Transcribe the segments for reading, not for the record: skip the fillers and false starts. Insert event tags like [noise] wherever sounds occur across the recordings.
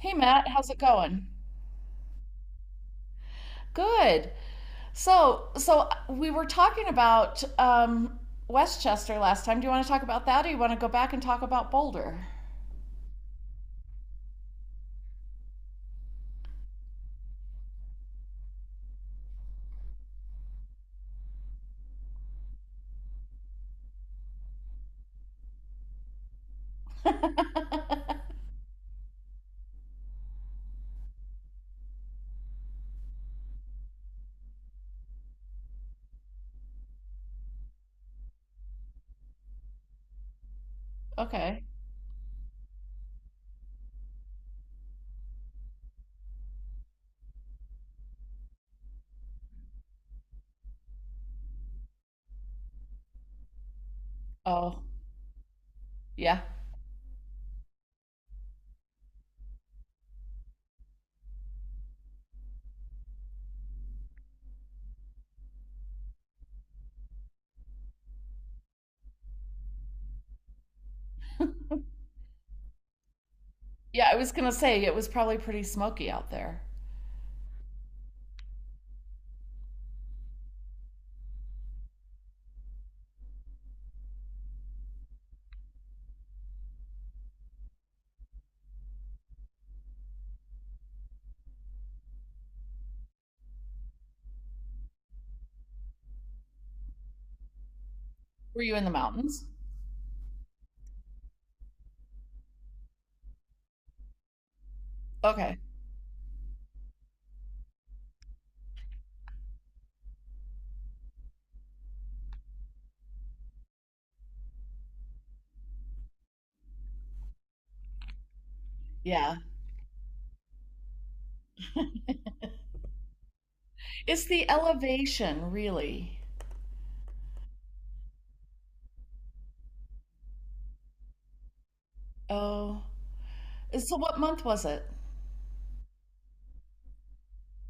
Hey Matt, how's it going? Good. So we were talking about Westchester last time. Do you want to talk about that, or you want to go back and talk about Boulder? [laughs] Okay. Oh, yeah. Yeah, I was gonna say it was probably pretty smoky out there. Were you in the mountains? Okay. Yeah. It's the elevation, really. Oh. So what month was it?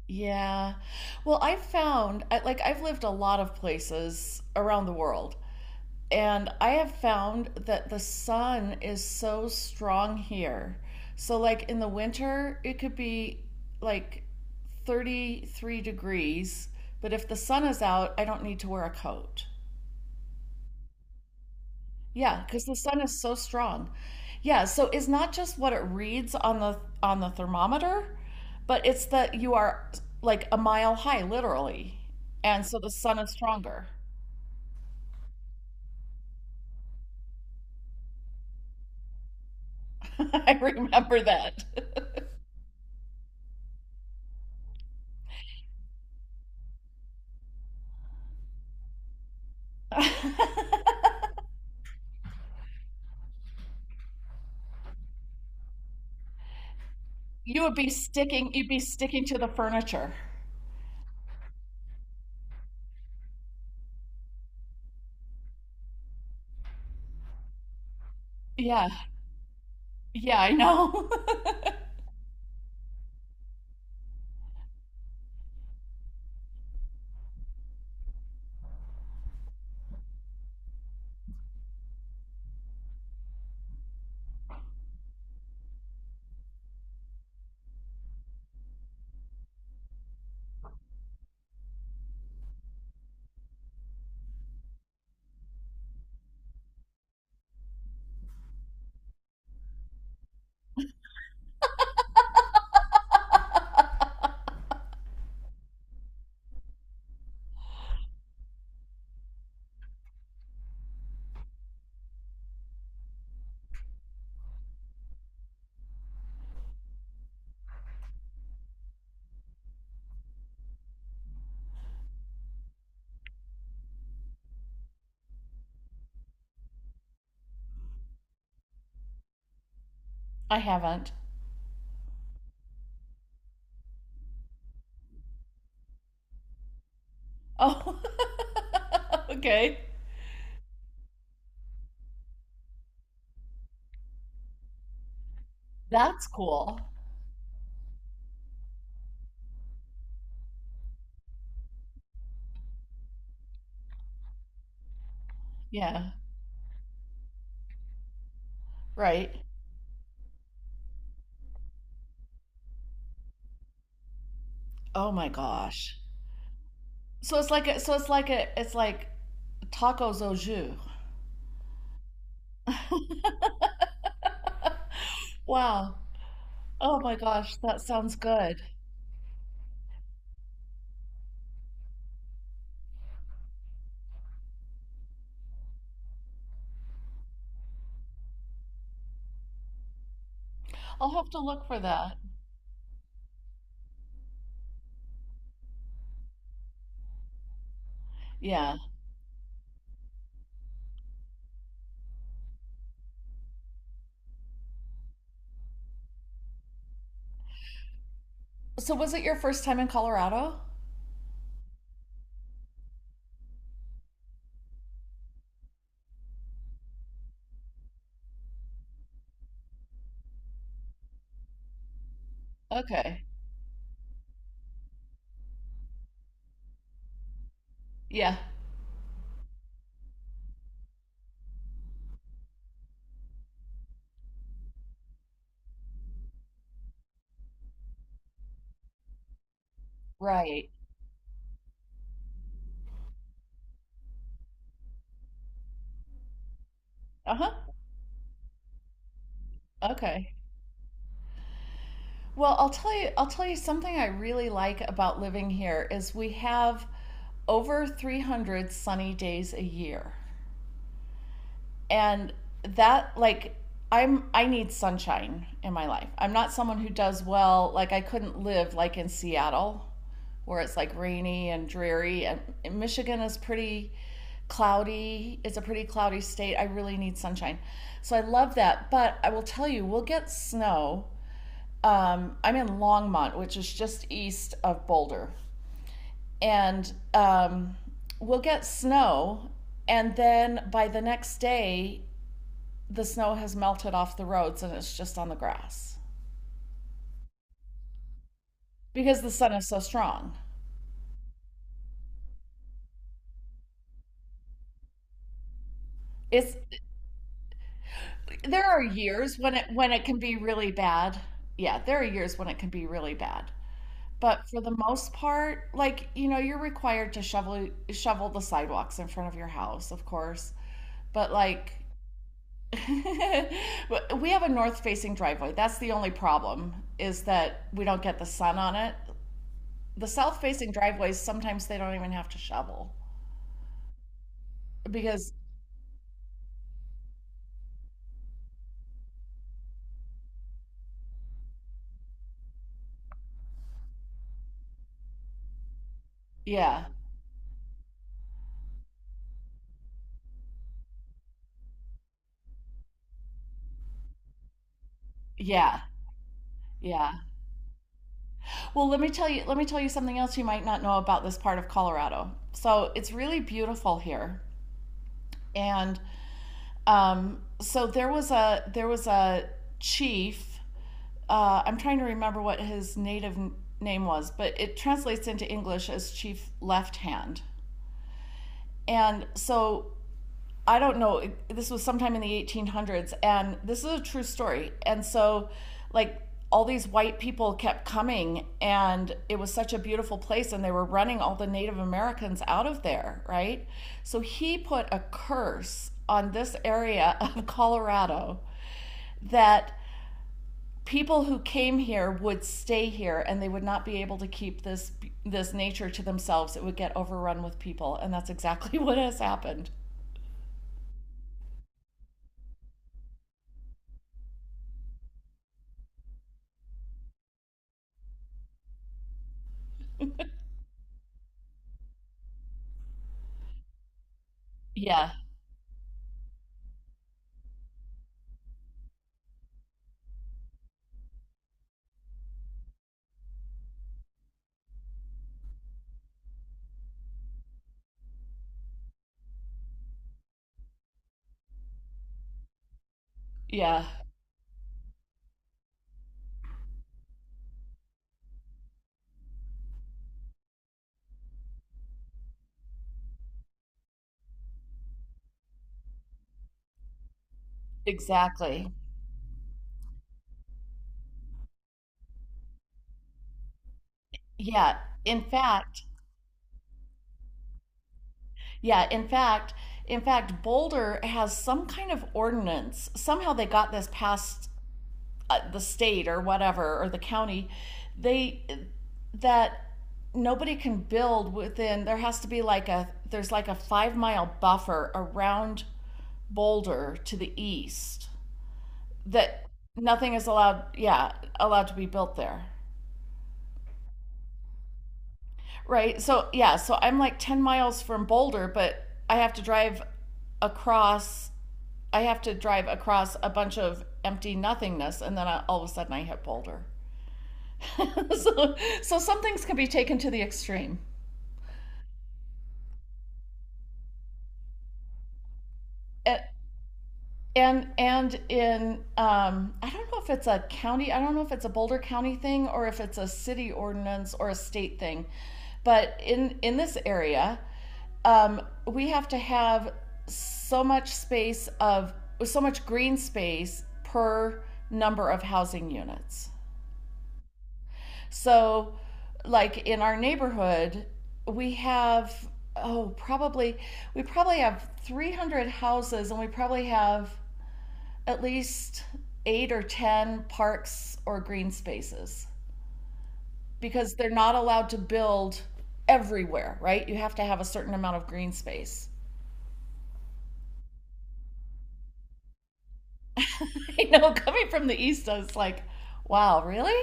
Yeah. Well, I've found, I, like, I've lived a lot of places around the world, and I have found that the sun is so strong here. So, like in the winter, it could be like 33 degrees. But if the sun is out, I don't need to wear a coat. Yeah, because the sun is so strong. Yeah, so it's not just what it reads on the thermometer, but it's that you are like a mile high, literally. And so the sun is stronger. [laughs] I remember that. [laughs] You'd be sticking to the furniture. Yeah. Yeah, I know. [laughs] I haven't. Oh. [laughs] Okay. That's cool. Yeah. Right. Oh my gosh. So it's like a, so it's like a it's like tacos au jus. [laughs] Wow. Oh my gosh, that sounds good. I'll have to look for that. Yeah. So was it your first time in Colorado? Okay. Yeah. Right. Uh-huh. Okay. Well, I'll tell you something I really like about living here is we have over 300 sunny days a year. And that like I need sunshine in my life. I'm not someone who does well, like I couldn't live like in Seattle where it's like rainy and dreary, and Michigan is pretty cloudy. It's a pretty cloudy state. I really need sunshine. So I love that, but I will tell you we'll get snow, I'm in Longmont, which is just east of Boulder, and we'll get snow, and then by the next day, the snow has melted off the roads and it's just on the grass because the sun is so strong. It's There are years when it can be really bad. Yeah, there are years when it can be really bad. But for the most part, like, you know, you're required to shovel the sidewalks in front of your house, of course. But like [laughs] we have a north facing driveway. That's the only problem is that we don't get the sun on it. The south facing driveways, sometimes they don't even have to shovel because, yeah, yeah, yeah. Well, let me tell you something else you might not know about this part of Colorado. So it's really beautiful here. And so there was a chief, I'm trying to remember what his native name was, but it translates into English as Chief Left Hand. And so I don't know, this was sometime in the 1800s, and this is a true story. And so, like, all these white people kept coming, and it was such a beautiful place, and they were running all the Native Americans out of there, right? So he put a curse on this area [laughs] of Colorado that people who came here would stay here and they would not be able to keep this nature to themselves. It would get overrun with people, and that's exactly [laughs] what has happened. Yeah, Yeah, exactly. Yeah, in fact, yeah, in fact, in fact, Boulder has some kind of ordinance. Somehow they got this past the state or whatever or the county. They that nobody can build within. There has to be like a there's like a 5 mile buffer around Boulder to the east that nothing is allowed. Yeah, allowed to be built there. Right. So yeah, so I'm like 10 miles from Boulder, but I have to drive across a bunch of empty nothingness, and then I, all of a sudden I hit Boulder. [laughs] So so some things can be taken to the extreme. And and in I don't know if it's a county, I don't know if it's a Boulder County thing or if it's a city ordinance or a state thing, but in this area, we have to have so much space of so much green space per number of housing units. So, like in our neighborhood, we have oh probably we probably have 300 houses and we probably have at least eight or 10 parks or green spaces because they're not allowed to build everywhere, right? You have to have a certain amount of green space. [laughs] I know coming from the East, I was like, wow, really?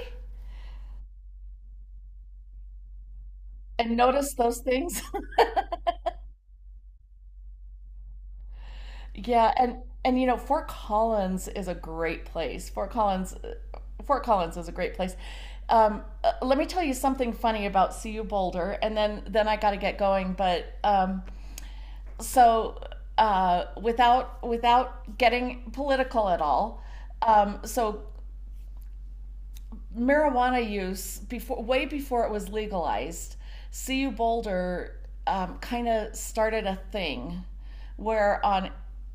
And notice those things? [laughs] Yeah, and you know, Fort Collins is a great place. Fort Collins is a great place. Let me tell you something funny about CU Boulder, and then I got to get going. But so, without getting political at all, so marijuana use before, way before it was legalized, CU Boulder kind of started a thing where on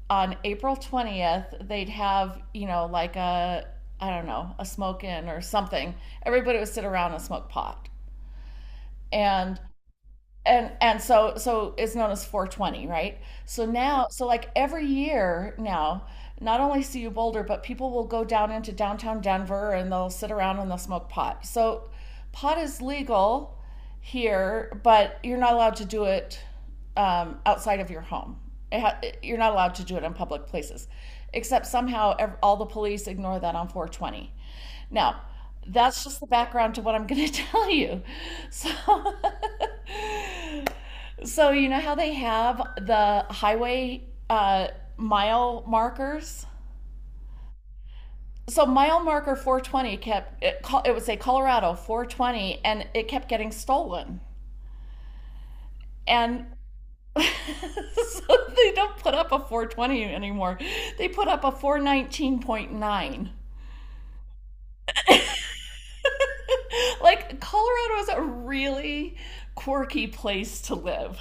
on April 20th they'd have, you know, like a I don't know a smoke in or something. Everybody would sit around and smoke pot, and and so it's known as 420, right? So now, so like every year now, not only see you Boulder, but people will go down into downtown Denver and they'll sit around and they'll smoke pot. So pot is legal here, but you're not allowed to do it outside of your home. You're not allowed to do it in public places, except somehow all the police ignore that on 420. Now that's just the background to what I'm going to [laughs] tell you. So [laughs] so you know how they have the highway uh, mile markers. So mile marker 420 kept it, it would say Colorado 420, and it kept getting stolen. And [laughs] so they don't put up a 420 anymore. They put up a 419.9. Like Colorado is a really quirky place to live.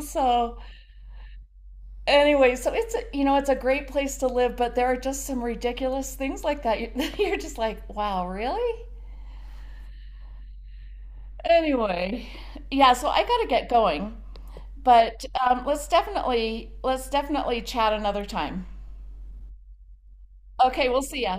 [laughs] So anyway, so it's you know it's a great place to live, but there are just some ridiculous things like that. [laughs] You're just like, wow, really? Anyway, yeah. So I got to get going, but let's definitely chat another time. Okay, we'll see ya.